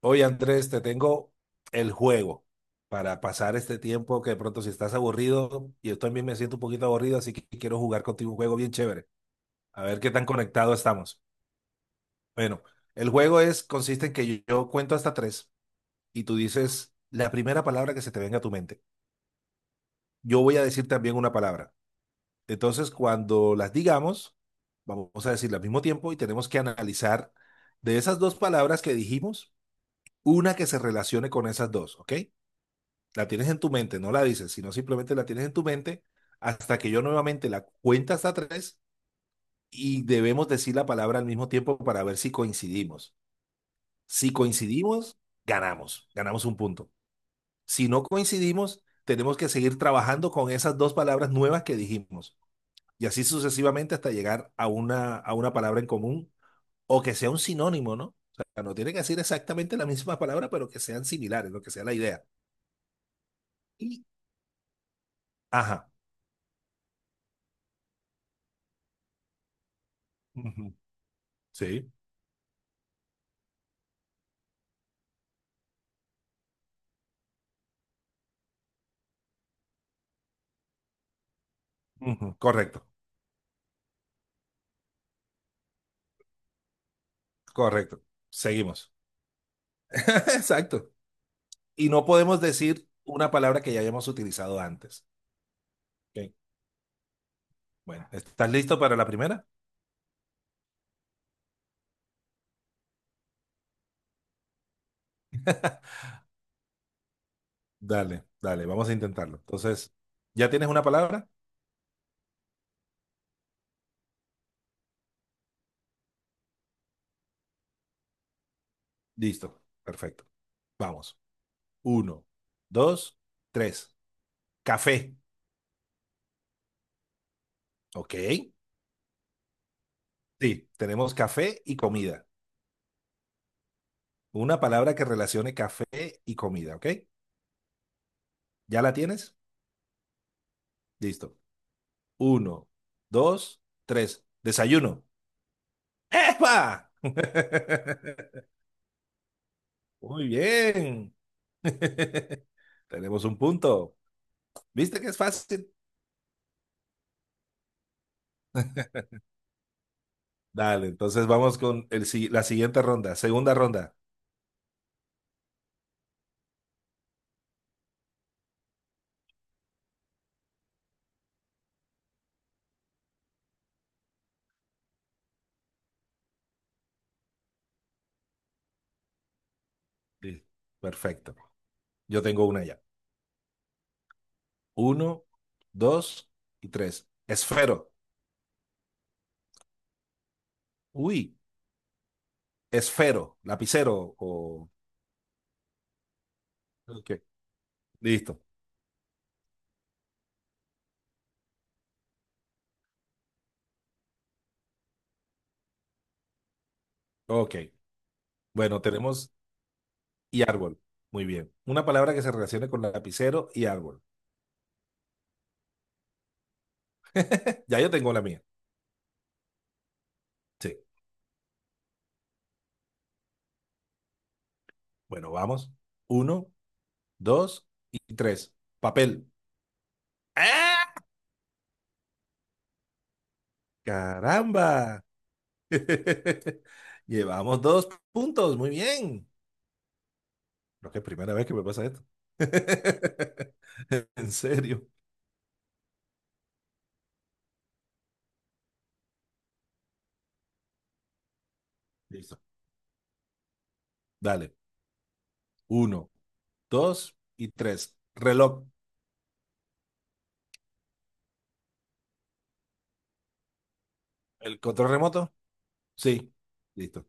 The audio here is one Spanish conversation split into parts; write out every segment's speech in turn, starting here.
Oye, Andrés, te tengo el juego para pasar este tiempo que de pronto si estás aburrido, y yo también me siento un poquito aburrido, así que quiero jugar contigo un juego bien chévere. A ver qué tan conectados estamos. Bueno, el juego es, consiste en que yo cuento hasta tres y tú dices la primera palabra que se te venga a tu mente. Yo voy a decir también una palabra. Entonces, cuando las digamos, vamos a decirla al mismo tiempo y tenemos que analizar de esas dos palabras que dijimos, una que se relacione con esas dos, ¿ok? La tienes en tu mente, no la dices, sino simplemente la tienes en tu mente hasta que yo nuevamente la cuente hasta tres y debemos decir la palabra al mismo tiempo para ver si coincidimos. Si coincidimos, ganamos un punto. Si no coincidimos, tenemos que seguir trabajando con esas dos palabras nuevas que dijimos y así sucesivamente hasta llegar a una palabra en común o que sea un sinónimo, ¿no? O sea, no tiene que decir exactamente la misma palabra, pero que sean similares, lo que sea la idea. Y ajá. Ujú. Sí. Ujú, correcto, correcto. Seguimos. Exacto. Y no podemos decir una palabra que ya hayamos utilizado antes. Ok, bueno, ¿estás listo para la primera? Dale, dale, vamos a intentarlo. Entonces, ¿ya tienes una palabra? Listo, perfecto. Vamos. Uno, dos, tres. Café. Ok. Sí, tenemos café y comida. Una palabra que relacione café y comida, ¿ok? ¿Ya la tienes? Listo. Uno, dos, tres. Desayuno. ¡Epa! Muy bien. Tenemos un punto. ¿Viste que es fácil? Dale, entonces vamos con el, la siguiente ronda, segunda ronda. Sí. Perfecto. Yo tengo una ya. Uno, dos y tres. Esfero. Uy, esfero, lapicero o... Ok, listo. Ok. Bueno, tenemos y árbol. Muy bien. Una palabra que se relacione con lapicero y árbol. Ya yo tengo la mía. Sí. Bueno, vamos. Uno, dos y tres. Papel. ¡Ah! ¡Caramba! Llevamos dos puntos. Muy bien. Creo que es primera vez que me pasa esto. En serio. Listo. Dale. Uno, dos y tres. Reloj. ¿El control remoto? Sí. Listo.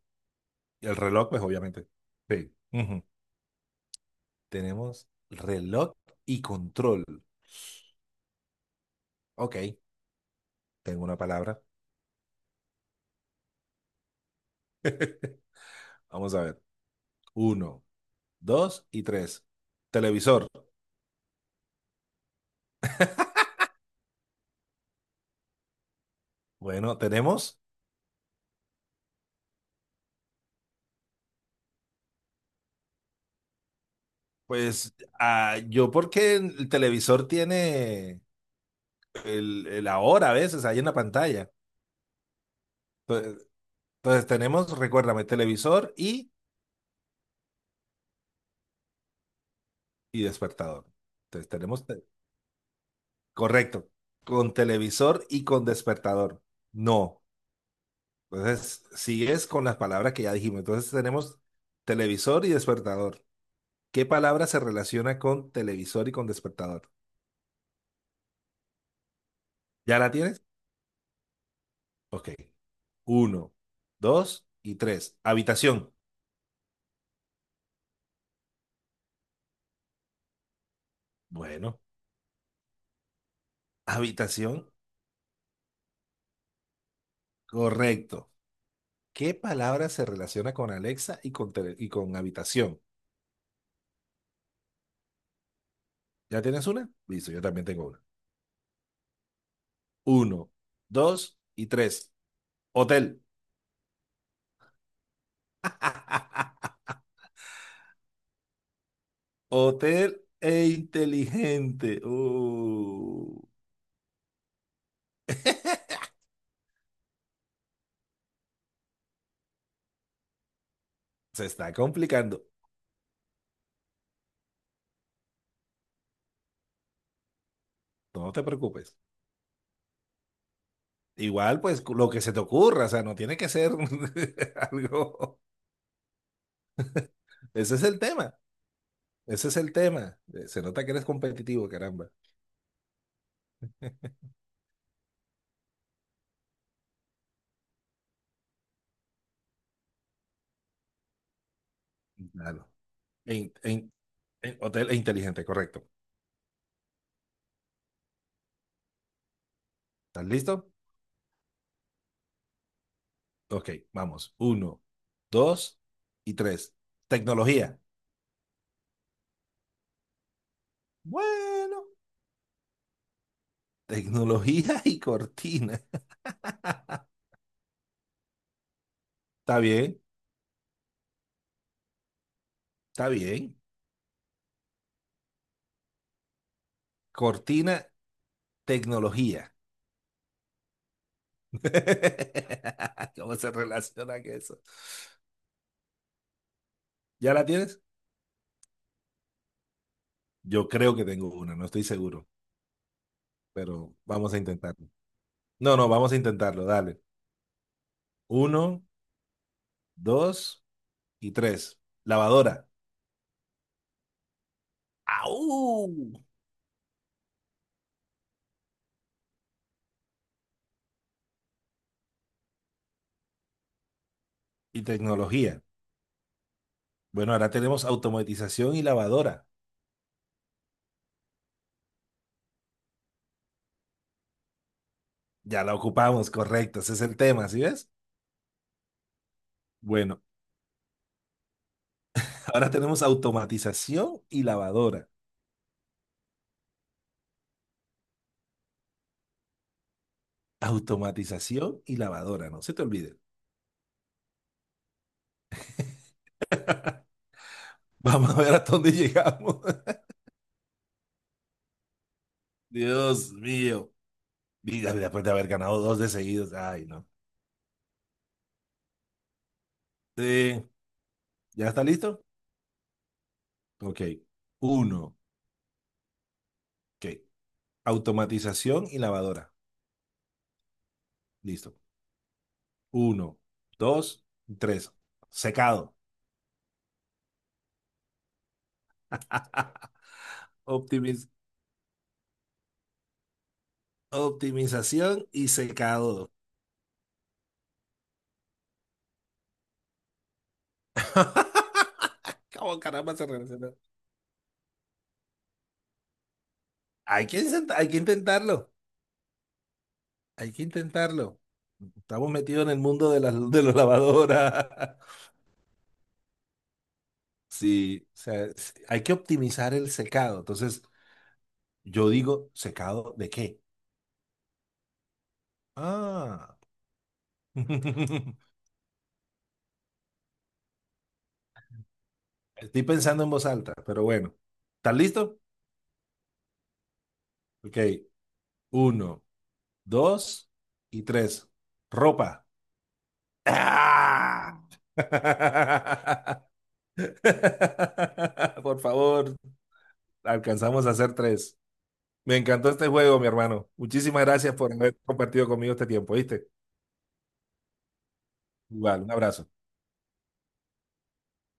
Y el reloj, pues obviamente. Sí. Ujú. Tenemos reloj y control. Ok. Tengo una palabra. Vamos a ver. Uno, dos y tres. Televisor. Bueno, tenemos, pues yo porque el televisor tiene el ahora a veces ahí en la pantalla. Entonces, entonces tenemos, recuérdame, televisor y despertador. Entonces tenemos, correcto, con televisor y con despertador. No. Entonces sigues con las palabras que ya dijimos. Entonces tenemos televisor y despertador. ¿Qué palabra se relaciona con televisor y con despertador? ¿Ya la tienes? Ok. Uno, dos y tres. Habitación. Bueno, habitación, correcto. ¿Qué palabra se relaciona con Alexa y con, y con habitación? ¿Ya tienes una? Listo, yo también tengo una. Uno, dos y tres. Hotel. Hotel e inteligente. Se está complicando. No te preocupes. Igual, pues lo que se te ocurra, o sea, no tiene que ser algo. Ese es el tema. Ese es el tema. Se nota que eres competitivo, caramba. Claro. E, in- e in- hotel e inteligente, correcto. ¿Estás listo? Ok, vamos. Uno, dos y tres. Tecnología. Bueno, tecnología y cortina. Está bien, está bien. Cortina, tecnología. ¿Cómo se relaciona que eso? ¿Ya la tienes? Yo creo que tengo una, no estoy seguro, pero vamos a intentarlo. No, no, vamos a intentarlo, dale. Uno. Dos y tres. Lavadora. ¡Au! Y tecnología. Bueno, ahora tenemos automatización y lavadora. Ya la ocupamos, correcto. Ese es el tema, ¿sí ves? Bueno, ahora tenemos automatización y lavadora. Automatización y lavadora, no se te olvide. Vamos a ver hasta dónde llegamos. Dios mío. Y después de haber ganado dos de seguidos. Ay, no. Eh, ¿Ya está listo? Ok. Uno. Ok. Automatización y lavadora. Listo. Uno, dos, tres. Secado. Optimiz- optimización y secado. ¿Cómo caramba se relaciona? Hay que intentarlo. Hay que intentarlo. Estamos metidos en el mundo de las lavadoras. Sí, o sea, hay que optimizar el secado. Entonces, yo digo, ¿secado de qué? Ah. Estoy pensando en voz alta, pero bueno. ¿Estás listo? Ok. Uno, dos y tres. Ropa. ¡Ah! Por favor, alcanzamos a hacer tres. Me encantó este juego, mi hermano. Muchísimas gracias por haber compartido conmigo este tiempo, ¿viste? Igual, un abrazo.